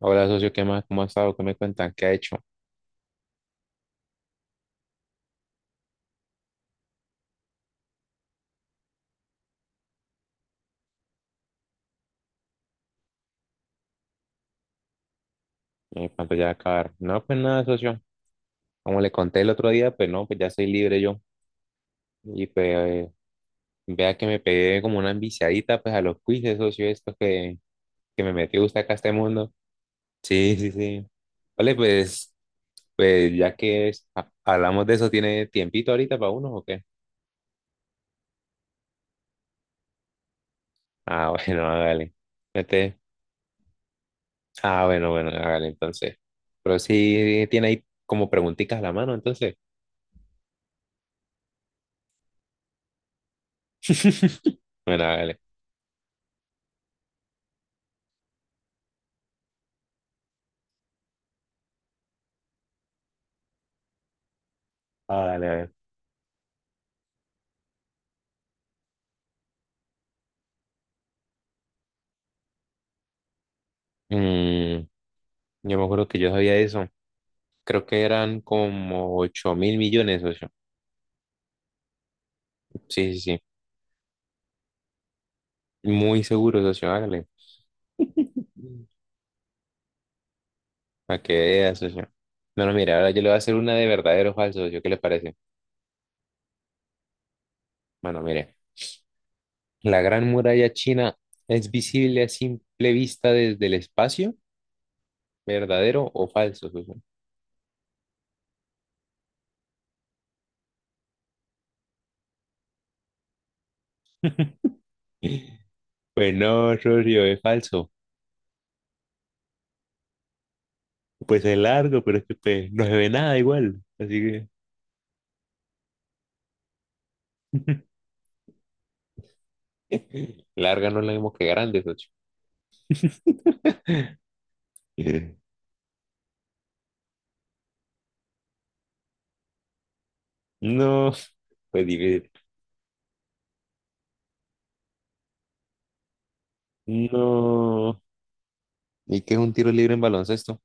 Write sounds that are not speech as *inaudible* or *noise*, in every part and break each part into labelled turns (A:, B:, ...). A: Hola, socio, ¿qué más? ¿Cómo ha estado? ¿Qué me cuentan? ¿Qué ha hecho? ¿Cuánto ya va a acabar? No, pues nada, socio. Como le conté el otro día, pues no, pues ya soy libre yo. Y pues vea que me pegué como una enviciadita pues a los quizzes, socio, estos que me metió usted acá a este mundo. Sí, sí, sí. Vale, pues, pues ya que hablamos de eso, ¿tiene tiempito ahorita para uno o qué? Ah, *laughs* bueno, hágale. Mete. Ah, bueno, bueno, hágale entonces. Pero sí tiene ahí como preguntitas a la mano, entonces. *laughs* Bueno, hágale. Vale, a ver. Mm, yo me acuerdo que yo sabía eso. Creo que eran como 8 mil millones, socio. Sí, sí, sí. Muy seguro, socio. Hágale. Para que veas, socio. Bueno, mira, ahora yo le voy a hacer una de verdadero o falso, socio. ¿Qué le parece? Bueno, mire. ¿La Gran Muralla China es visible a simple vista desde el espacio? ¿Verdadero o falso, socio? *laughs* Pues no, socio, es falso. Pues es largo, pero es que pues, no se ve nada igual. Así que... *laughs* Larga no es lo mismo que grande, socio. Eh, No, pues difícil. No. ¿Y qué es un tiro libre en baloncesto?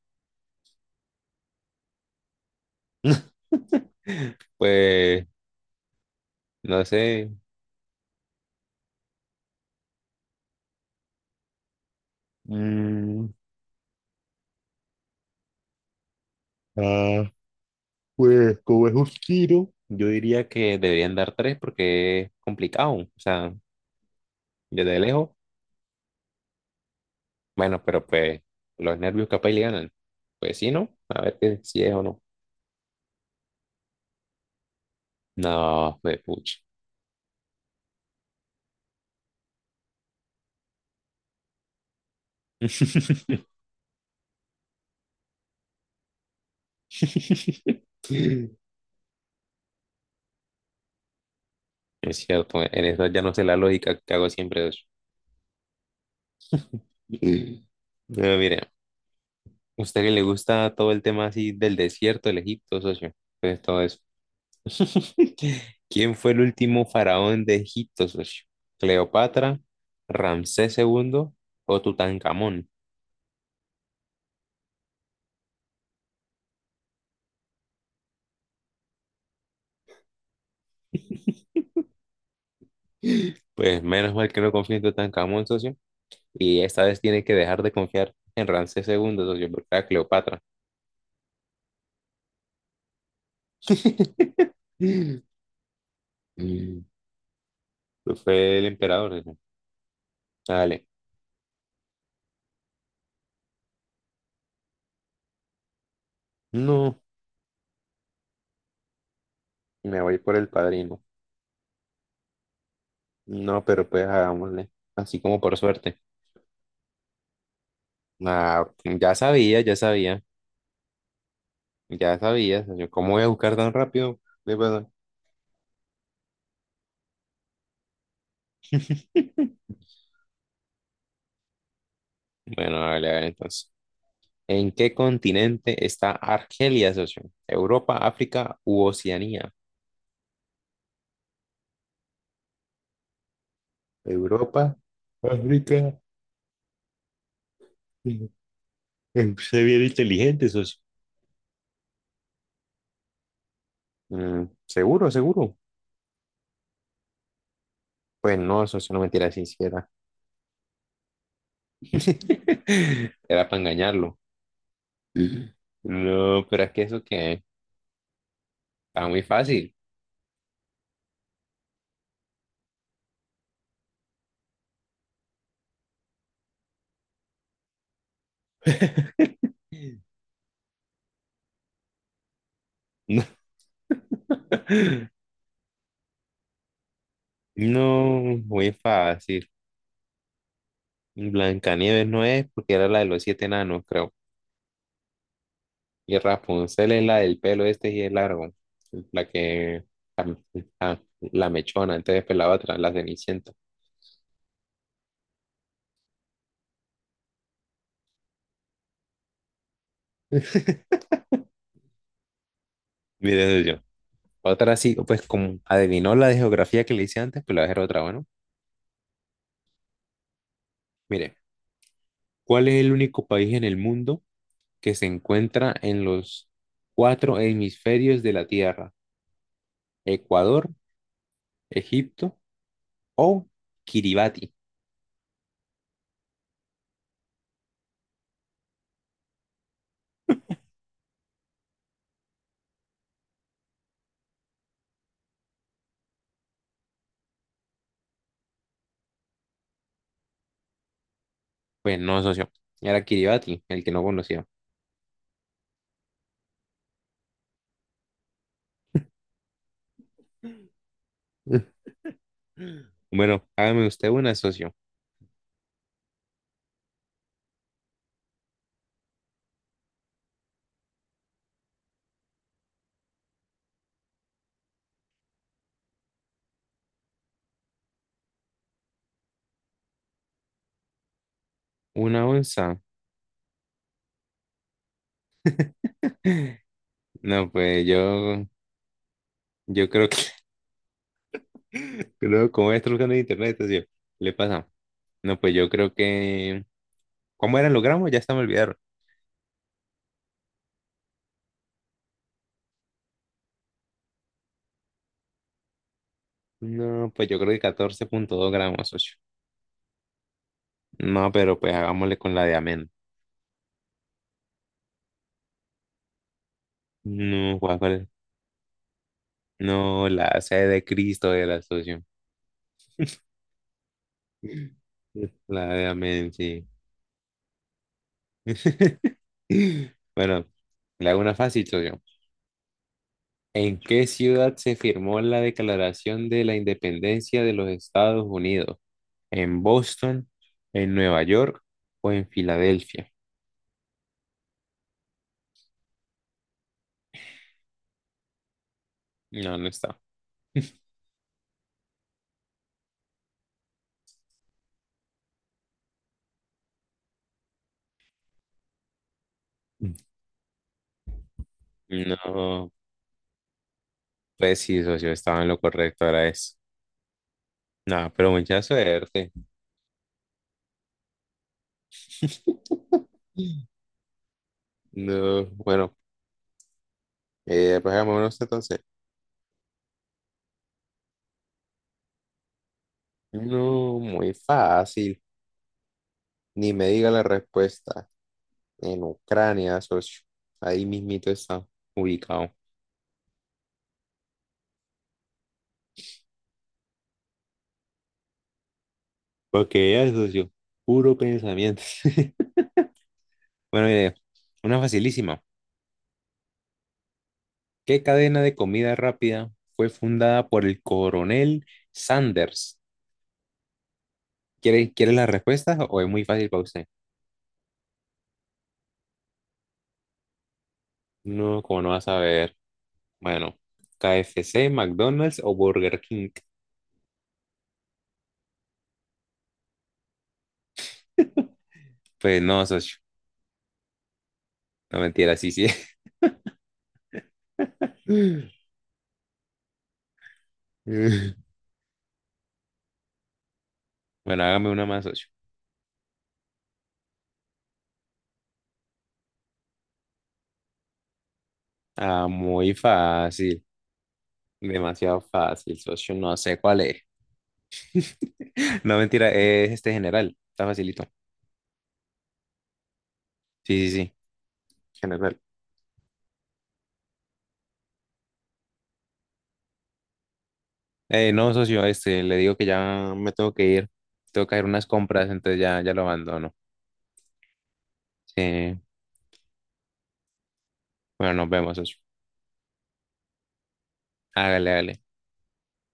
A: *laughs* Pues, no sé. Mm, ah, pues como es un tiro, yo diría que deberían dar tres porque es complicado. O sea, desde lejos. Bueno, pero pues los nervios capaz y le ganan. Pues sí, ¿no? A ver que, si es o no. No, pues pucha. *laughs* Es cierto, en eso ya no sé la lógica que hago siempre. Mm. Bueno, mire, a usted que le gusta todo el tema así del desierto, del Egipto, socio, pues todo eso. ¿Quién fue el último faraón de Egipto, socio? ¿Cleopatra, Ramsés II o Tutankamón? Pues menos mal que no confío en Tutankamón, socio. Y esta vez tiene que dejar de confiar en Ramsés II, socio, porque era Cleopatra. *laughs* Mm, pues fue el emperador, socio. Dale. No, me voy por el padrino. No, pero pues hagámosle. Así como por suerte. Ah, ya sabía, ya sabía, ya sabía, señor. ¿Cómo voy a buscar tan rápido? De verdad. *laughs* Bueno, hágale, hágale entonces. ¿En qué continente está Argelia, socio? ¿Europa, África u Oceanía? Europa, África. Se bien inteligente, socio. ¿Seguro, seguro? Pues no, socio, no mentira, si hiciera. *laughs* Era para engañarlo. No, pero es que eso que está muy fácil. *laughs* No, muy fácil. Blancanieves no es porque era la de los siete enanos, creo. Y Rapunzel es la del pelo este y es largo. La que. La, la- la mechona, entonces pues la otra, la cenicienta. Mire, yo. Otra sí, pues como adivinó la de geografía que le hice antes, pues la voy a hacer otra, bueno. Mire, ¿cuál es el único país en el mundo que se encuentra en los cuatro hemisferios de la Tierra? Ecuador, Egipto, o Kiribati. Pues no, socio. Era Kiribati, el que no conocía. *laughs* Bueno, hágame usted una, socio. ¿Una onza? No, pues yo creo que, *laughs* creo, como estoy buscando en internet, socio, le pasa. No, pues yo creo que, ¿cómo eran los gramos? Ya se me olvidaron. No, pues yo creo que 14,2 gramos, socio. No, pero pues hagámosle con la de amén. No, ¿cuál es? No, la C de Cristo era, socio. *laughs* La de amén, sí. *laughs* Bueno, le hago una fácil, socio. ¿En qué ciudad se firmó la Declaración de la Independencia de los Estados Unidos? ¿En Boston, en Nueva York o en Filadelfia? No, no está. No, pues sí, socio, estaba en lo correcto, era eso. No, pero mucha suerte. No, bueno, pues hagámonos entonces. No, muy fácil. Ni me diga la respuesta. En Ucrania, socio. Ahí mismito está ubicado. Porque ya, es, socio, puro pensamiento. *laughs* Bueno, mire, una facilísima. ¿Qué cadena de comida rápida fue fundada por el coronel Sanders? ¿Quiere, quiere las respuestas o es muy fácil para usted? No, como no va a saber. Bueno, KFC, McDonald's o Burger King. Pues no, socio. No mentira, sí, sí. *laughs* Bueno, hágame una más, socio. Ah, muy fácil. Demasiado fácil, socio. No sé cuál es. *laughs* No, mentira, es este general. Está facilito. Sí, sí, sí, general. No, socio, este, le digo que ya me tengo que ir. Tengo que hacer unas compras, entonces ya, ya lo abandono. Sí. Bueno, nos vemos, socio. Hágale, hágale.